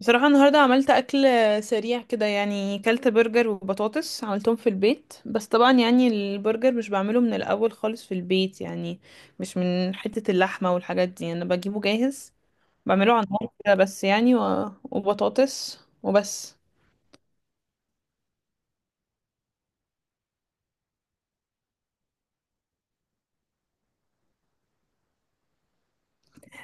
بصراحة النهاردة عملت أكل سريع كده يعني كلت برجر وبطاطس عملتهم في البيت. بس طبعا يعني البرجر مش بعمله من الأول خالص في البيت يعني، مش من حتة اللحمة والحاجات دي، أنا بجيبه جاهز بعمله على النار كده بس يعني و... وبطاطس وبس.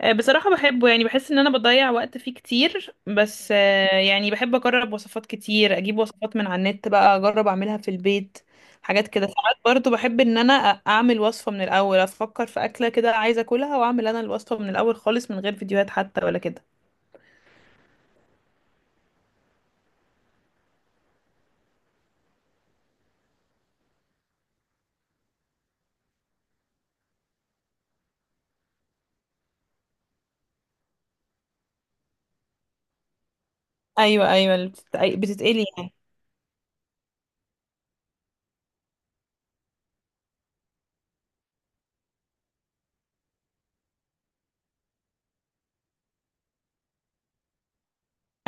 بصراحة بحبه يعني بحس ان انا بضيع وقت فيه كتير. بس يعني بحب اجرب وصفات كتير، اجيب وصفات من على النت بقى اجرب اعملها في البيت. حاجات كده ساعات برضو بحب ان انا اعمل وصفة من الاول، افكر في اكلة كده عايزة اكلها واعمل انا الوصفة من الاول خالص من غير فيديوهات حتى ولا كده. ايوه ايوه، اللي بتتقلي يعني.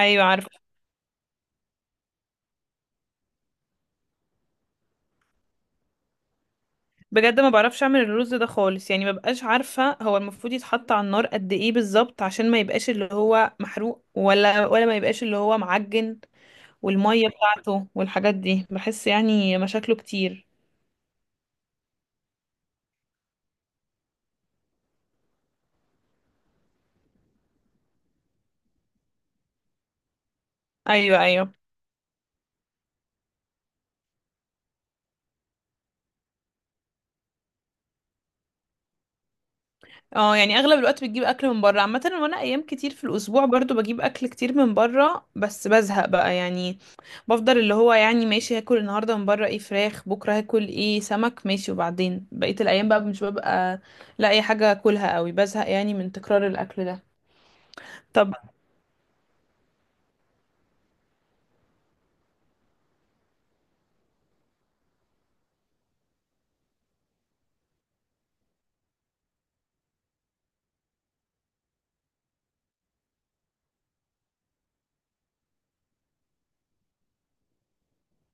ايوه، عارفة. بجد ما بعرفش اعمل الرز ده خالص يعني، مبقاش عارفة هو المفروض يتحط على النار قد ايه بالظبط، عشان ما يبقاش اللي هو محروق ولا ما يبقاش اللي هو معجن، والمية بتاعته والحاجات دي، بحس يعني مشاكله كتير. ايوه ايوه. اه يعني اغلب الوقت بتجيب اكل من بره عامه، وانا ايام كتير في الاسبوع برضو بجيب اكل كتير من بره بس بزهق بقى يعني. بفضل اللي هو يعني ماشي، هاكل النهارده من بره ايه، فراخ، بكره هاكل ايه، سمك، ماشي، وبعدين بقيه الايام بقى مش ببقى لاقي حاجه اكلها قوي، بزهق يعني من تكرار الاكل ده. طب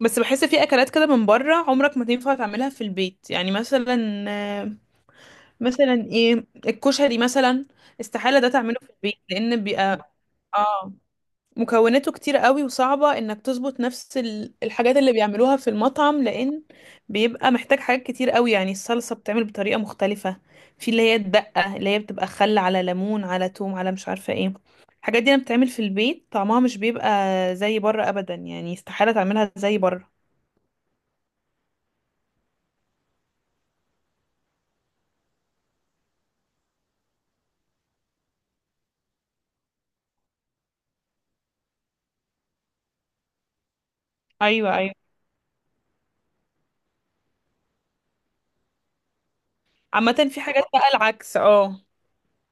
بس بحس في اكلات كده من بره عمرك ما تنفع تعملها في البيت، يعني مثلا ايه، الكشري مثلا، استحالة ده تعمله في البيت لان بيبقى، اه، مكوناته كتير قوي، وصعبة انك تظبط نفس الحاجات اللي بيعملوها في المطعم، لان بيبقى محتاج حاجات كتير قوي، يعني الصلصة بتعمل بطريقة مختلفة، في اللي هي الدقة اللي هي بتبقى خل على ليمون على توم على مش عارفة ايه، الحاجات دي لما بتتعمل في البيت طعمها مش بيبقى زي بره ابدا يعني، استحالة تعملها زي بره. ايوه ايوه، عامة في حاجات بقى العكس، اه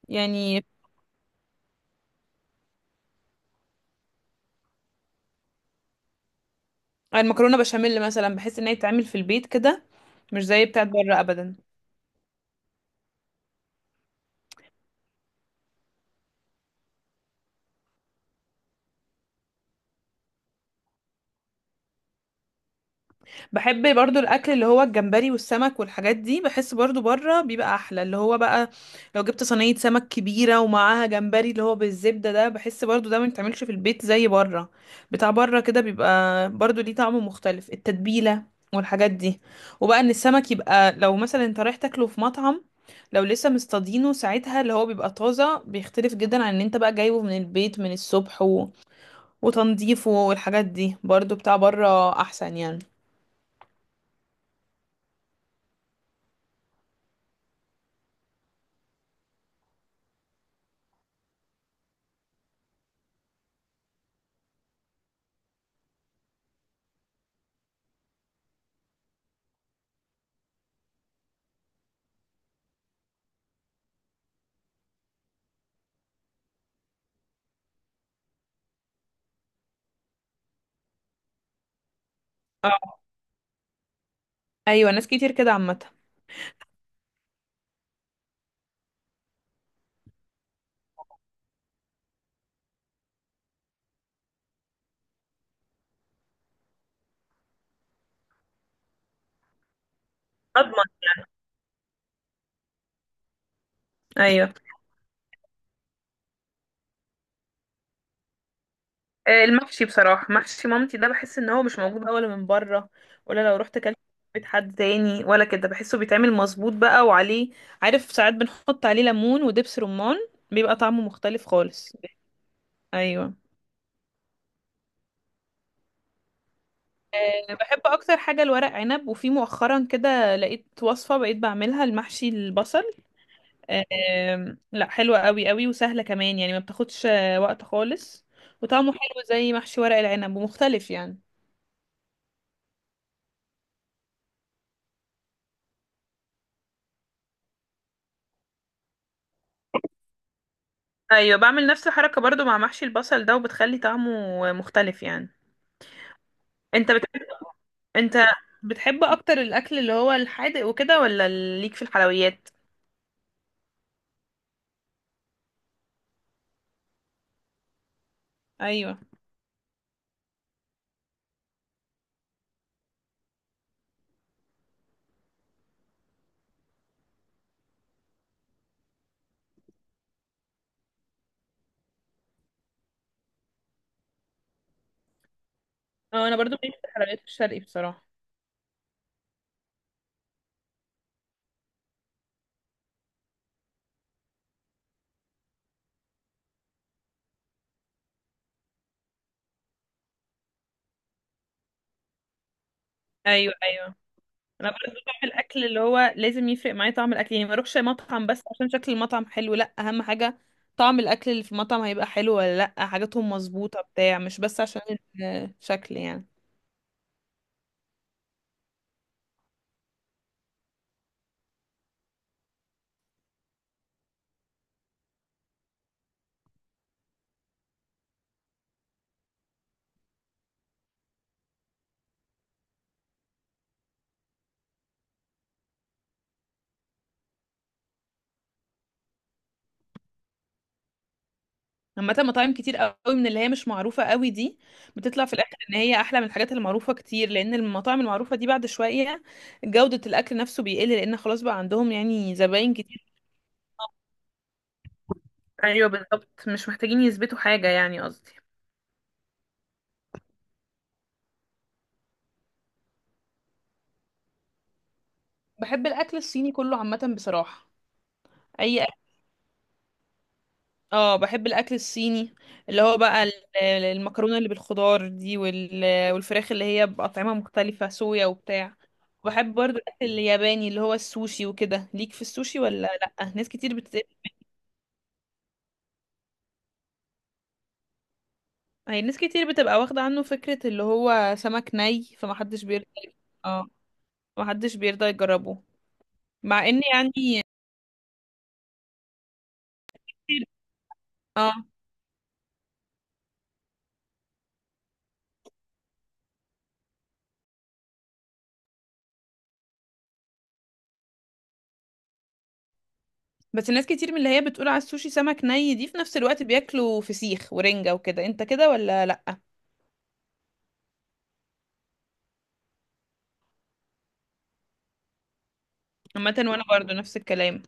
يعني المكرونه بشاميل مثلا، بحس ان هي تتعمل في البيت كده مش زي بتاعت بره ابدا. بحب برضو الاكل اللي هو الجمبري والسمك والحاجات دي، بحس برضو بره بيبقى احلى، اللي هو بقى لو جبت صينيه سمك كبيره ومعاها جمبري اللي هو بالزبده ده، بحس برضو ده ما يتعملش في البيت زي بره. بتاع بره كده بيبقى برضو ليه طعم مختلف، التتبيله والحاجات دي. وبقى ان السمك يبقى لو مثلا انت رايح تاكله في مطعم، لو لسه مصطادينه ساعتها اللي هو بيبقى طازه، بيختلف جدا عن ان انت بقى جايبه من البيت من الصبح وتنظيفه، والحاجات دي برضو بتاع بره احسن يعني. اه، ايوه، ناس كتير كده عامه. اضمن. ايوه. المحشي بصراحه، محشي مامتي ده بحس ان هو مش موجود بقى، ولا من بره، ولا لو رحت كلت في بيت حد تاني ولا كده، بحسه بيتعمل مظبوط بقى وعليه. عارف ساعات بنحط عليه ليمون ودبس رمان، بيبقى طعمه مختلف خالص. ايوه. أه، بحب اكتر حاجه الورق عنب، وفي مؤخرا كده لقيت وصفه بقيت بعملها، المحشي البصل. لا، حلوة قوي قوي، وسهلة كمان يعني ما بتاخدش وقت خالص، وطعمه حلو زي محشي ورق العنب ومختلف يعني. ايوه، بعمل نفس الحركة برضو مع محشي البصل ده، وبتخلي طعمه مختلف يعني. انت بتحب انت بتحب اكتر الاكل اللي هو الحادق وكده، ولا ليك في الحلويات؟ ايوه، اه، انا برضو ليك في الحلويات الشرقي بصراحة. ايوه ايوه، انا برضه بعمل الاكل اللي هو لازم يفرق معايا طعم الاكل، يعني ما اروحش مطعم بس عشان شكل المطعم حلو، لا، اهم حاجه طعم الاكل اللي في المطعم هيبقى حلو ولا لا، حاجاتهم مظبوطه بتاع، مش بس عشان الشكل يعني. عامه مطاعم كتير قوي من اللي هي مش معروفه قوي دي، بتطلع في الاخر ان هي احلى من الحاجات المعروفه كتير، لان المطاعم المعروفه دي بعد شويه جوده الاكل نفسه بيقل، لان خلاص بقى عندهم يعني زباين كتير. ايوه بالظبط، مش محتاجين يثبتوا حاجه يعني قصدي. بحب الاكل الصيني كله عامه بصراحه. اي، اه، بحب الاكل الصيني، اللي هو بقى المكرونه اللي بالخضار دي والفراخ اللي هي باطعمه مختلفه، صويا وبتاع. وبحب برضو الاكل الياباني اللي هو السوشي وكده، ليك في السوشي ولا؟ لا، هي ناس كتير بتبقى واخده عنه فكره اللي هو سمك ني، فمحدش بيرضى. اه، محدش بيرضى يجربه مع ان يعني. اه، بس الناس كتير من اللي هي بتقول على السوشي سمك ني دي، في نفس الوقت بياكلوا فسيخ ورنجة وكده، انت كده ولا لا؟ عامه وانا برضو نفس الكلام.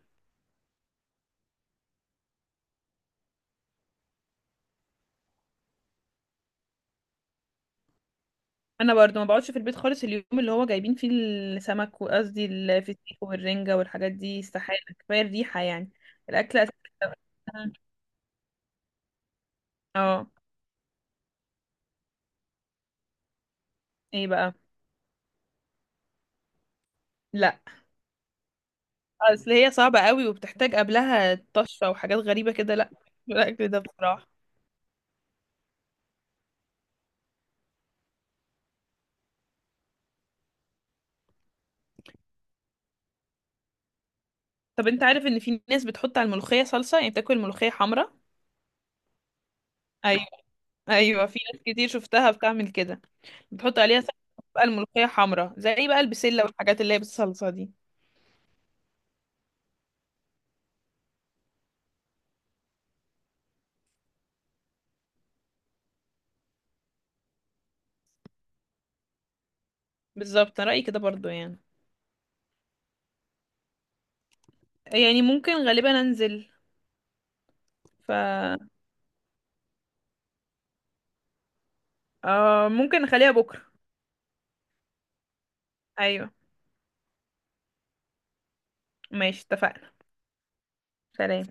انا برضو ما بقعدش في البيت خالص اليوم اللي هو جايبين فيه السمك، وقصدي الفسيخ والرنجة والحاجات دي، استحالة، كفاية الريحة يعني. الاكل أساساً- اه، ايه بقى؟ لا. اصل هي صعبة قوي وبتحتاج قبلها طشة وحاجات غريبة كده، لا، الاكل ده بصراحة. طب انت عارف ان في ناس بتحط على الملوخية صلصة، يعني بتاكل الملوخية حمرا. ايوه، ايوه في ناس كتير شفتها بتعمل كده، بتحط عليها صلصة، بقى الملوخية حمرا زي بقى البسلة والحاجات اللي هي بالصلصة دي. بالظبط، أنا رأيي كده برضو يعني. يعني ممكن غالبا انزل، ف آه ممكن نخليها بكرة. ايوه، ماشي اتفقنا، سلام.